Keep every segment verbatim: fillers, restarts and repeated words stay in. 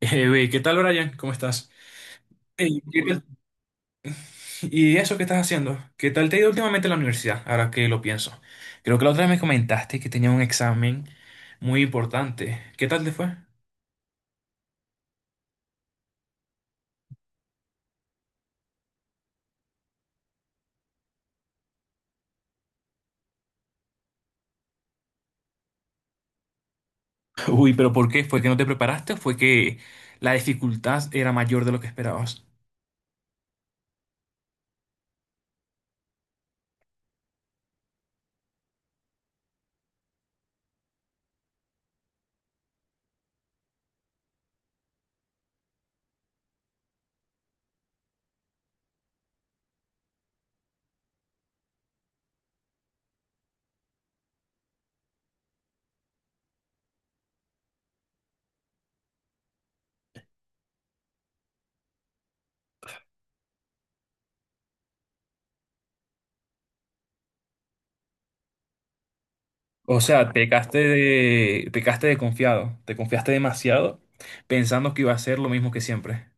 Eh, güey, ¿qué tal, Brian? ¿Cómo estás? Ey, ¿qué tal- ¿Y eso qué estás haciendo? ¿Qué tal te ha ido últimamente en la universidad? Ahora que lo pienso. Creo que la otra vez me comentaste que tenía un examen muy importante. ¿Qué tal te fue? Uy, pero ¿por qué? ¿Fue que no te preparaste o fue que la dificultad era mayor de lo que esperabas? O sea, pecaste de, pecaste de confiado, te confiaste demasiado pensando que iba a ser lo mismo que siempre.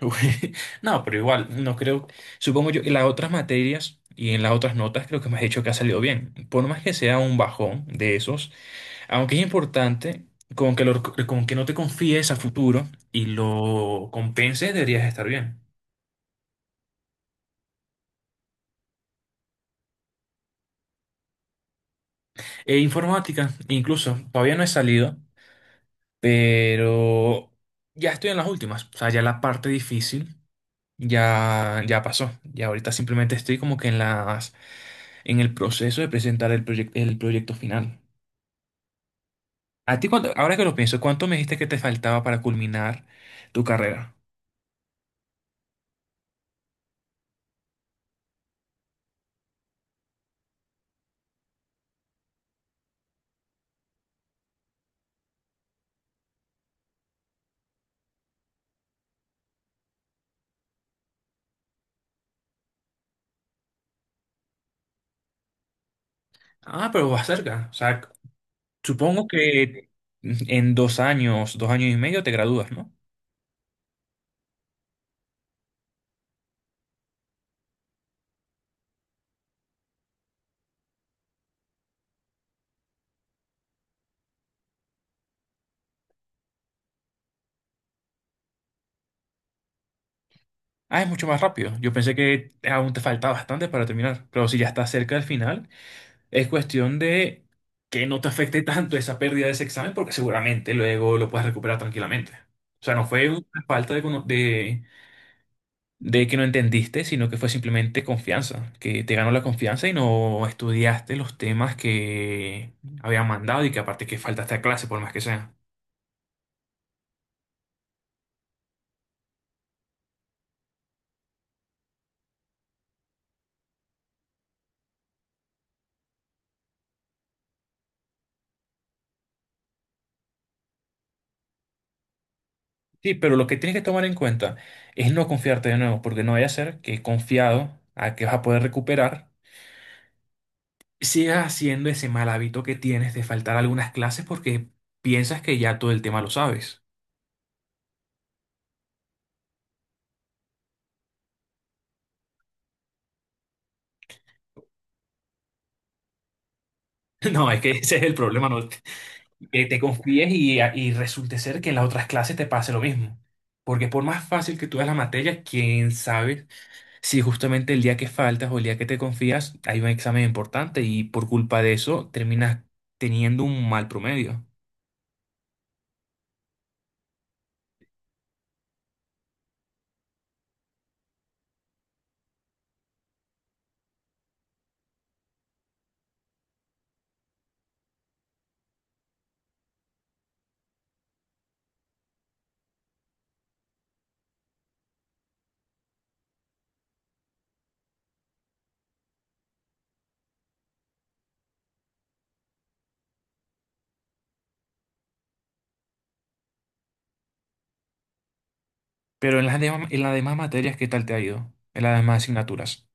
Uy, no, pero igual, no creo, supongo yo que las otras materias y en las otras notas creo que me has dicho que ha salido bien. Por más que sea un bajón de esos, aunque es importante, con que, lo- con que no te confíes a futuro y lo compenses, deberías estar bien. E informática, incluso, todavía no he salido, pero ya estoy en las últimas. O sea, ya la parte difícil ya, ya pasó. Y ahorita simplemente estoy como que en las, en el proceso de presentar el proyec- el proyecto final. A ti, cuánto- ahora que lo pienso, ¿cuánto me dijiste que te faltaba para culminar tu carrera? Ah, pero vas cerca. O sea, supongo que en dos años, dos años y medio te gradúas, ¿no? Ah, es mucho más rápido. Yo pensé que aún te faltaba bastante para terminar. Pero si ya estás cerca del final, es cuestión de que no te afecte tanto esa pérdida de ese examen, porque seguramente luego lo puedes recuperar tranquilamente. O sea, no fue una falta de, cono- de de que no entendiste, sino que fue simplemente confianza, que te ganó la confianza y no estudiaste los temas que habían mandado y que aparte que faltaste a clase por más que sea. Sí, pero lo que tienes que tomar en cuenta es no confiarte de nuevo, porque no vaya a ser que confiado a que vas a poder recuperar, sigas haciendo ese mal hábito que tienes de faltar algunas clases porque piensas que ya todo el tema lo sabes. No, es que ese es el problema, no, que te confíes y, y resulte ser que en las otras clases te pase lo mismo. Porque por más fácil que tú veas la materia, quién sabe si justamente el día que faltas o el día que te confías hay un examen importante y por culpa de eso terminas teniendo un mal promedio. Pero en las demás, en las demás materias, ¿qué tal te ha ido? En las demás asignaturas.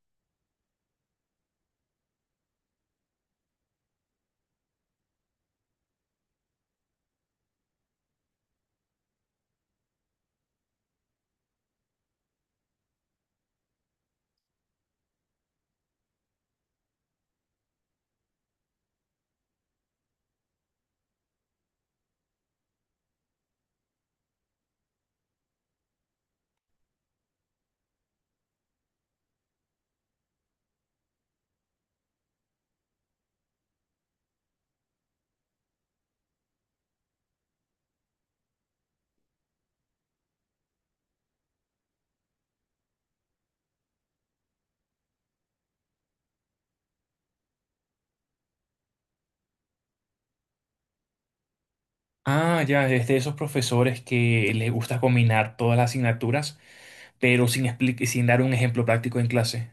Ah, ya, es de esos profesores que les gusta combinar todas las asignaturas, pero sin expli- sin dar un ejemplo práctico en clase.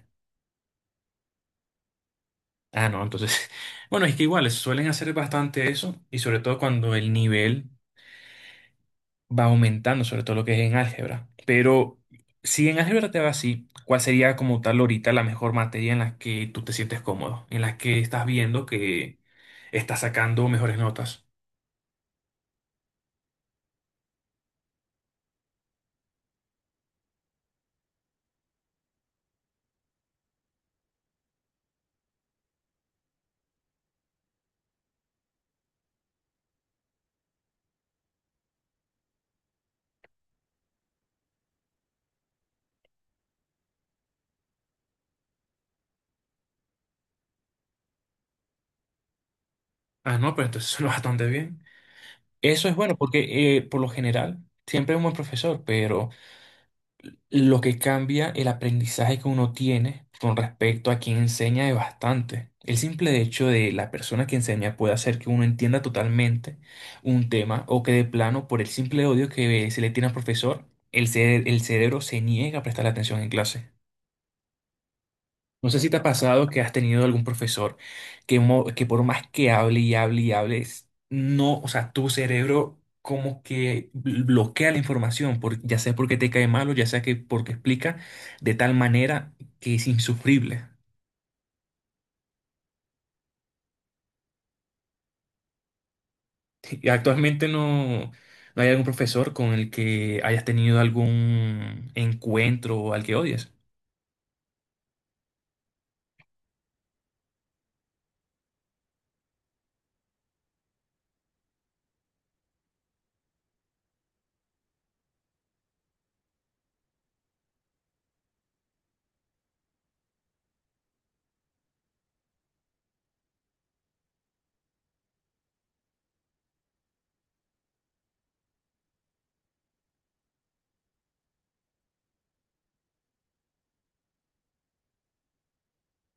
Ah, no, entonces, bueno, es que igual suelen hacer bastante eso y sobre todo cuando el nivel va aumentando, sobre todo lo que es en álgebra. Pero si en álgebra te va así, ¿cuál sería como tal ahorita la mejor materia en la que tú te sientes cómodo, en la que estás viendo que estás sacando mejores notas? Ah, no, pero entonces suena bastante bien. Eso es bueno porque eh, por lo general siempre hay un buen profesor, pero lo que cambia el aprendizaje que uno tiene con respecto a quien enseña es bastante. El simple hecho de la persona que enseña puede hacer que uno entienda totalmente un tema o que de plano, por el simple odio que se le tiene al profesor, el, cere- el cerebro se niega a prestar atención en clase. No sé si te ha pasado que has tenido algún profesor que, mo- que por más que hable y hable y hables, no, o sea, tu cerebro como que bl- bloquea la información, por, ya sea porque te cae mal o ya sea que porque explica de tal manera que es insufrible. Y actualmente no, no hay algún profesor con el que hayas tenido algún encuentro o al que odies.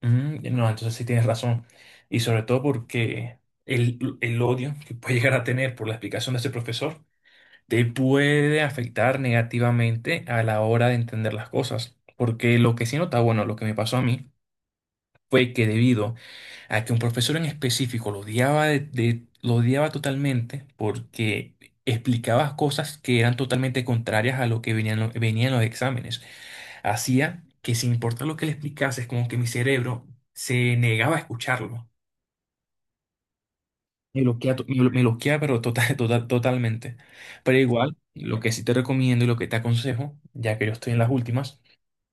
Mm, no, entonces sí tienes razón. Y sobre todo porque el, el odio que puede llegar a tener por la explicación de ese profesor te puede afectar negativamente a la hora de entender las cosas. Porque lo que sí nota, bueno, lo que me pasó a mí fue que debido a que un profesor en específico lo odiaba, de- de- lo odiaba totalmente porque explicaba cosas que eran totalmente contrarias a lo que venían, lo- venían los exámenes. Hacía que sin importar lo que le explicase, es como que mi cerebro se negaba a escucharlo. Me bloquea, to- me blo- me bloquea, pero total, total, totalmente. Pero igual, lo que sí te recomiendo y lo que te aconsejo, ya que yo estoy en las últimas,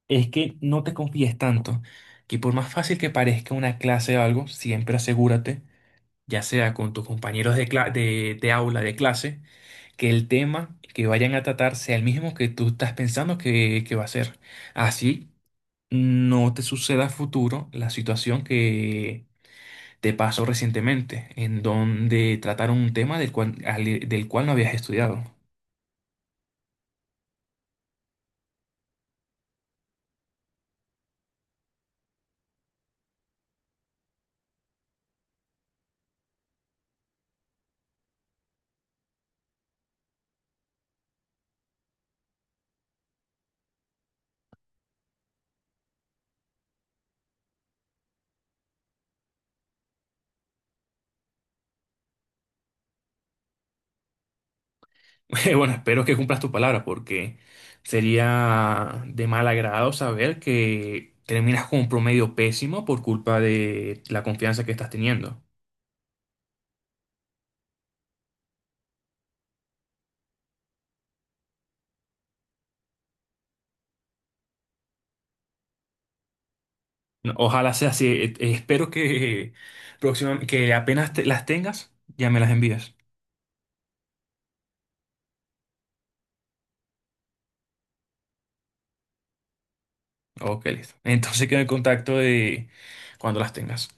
es que no te confíes tanto, que por más fácil que parezca una clase o algo, siempre asegúrate, ya sea con tus compañeros de, cla- de, de aula, de clase, que el tema que vayan a tratar sea el mismo que tú estás pensando que, que va a ser. Así no te suceda a futuro la situación te pasó recientemente, en donde trataron un tema del cual, al- del cual no habías estudiado. Bueno, espero que cumplas tu palabra, porque sería de mal agrado saber que terminas con un promedio pésimo por culpa de la confianza que estás teniendo. No, ojalá sea así. Eh, eh, Espero que, próxima, que apenas te- las tengas, ya me las envías. Ok, listo. Entonces quedo en contacto de cuando las tengas.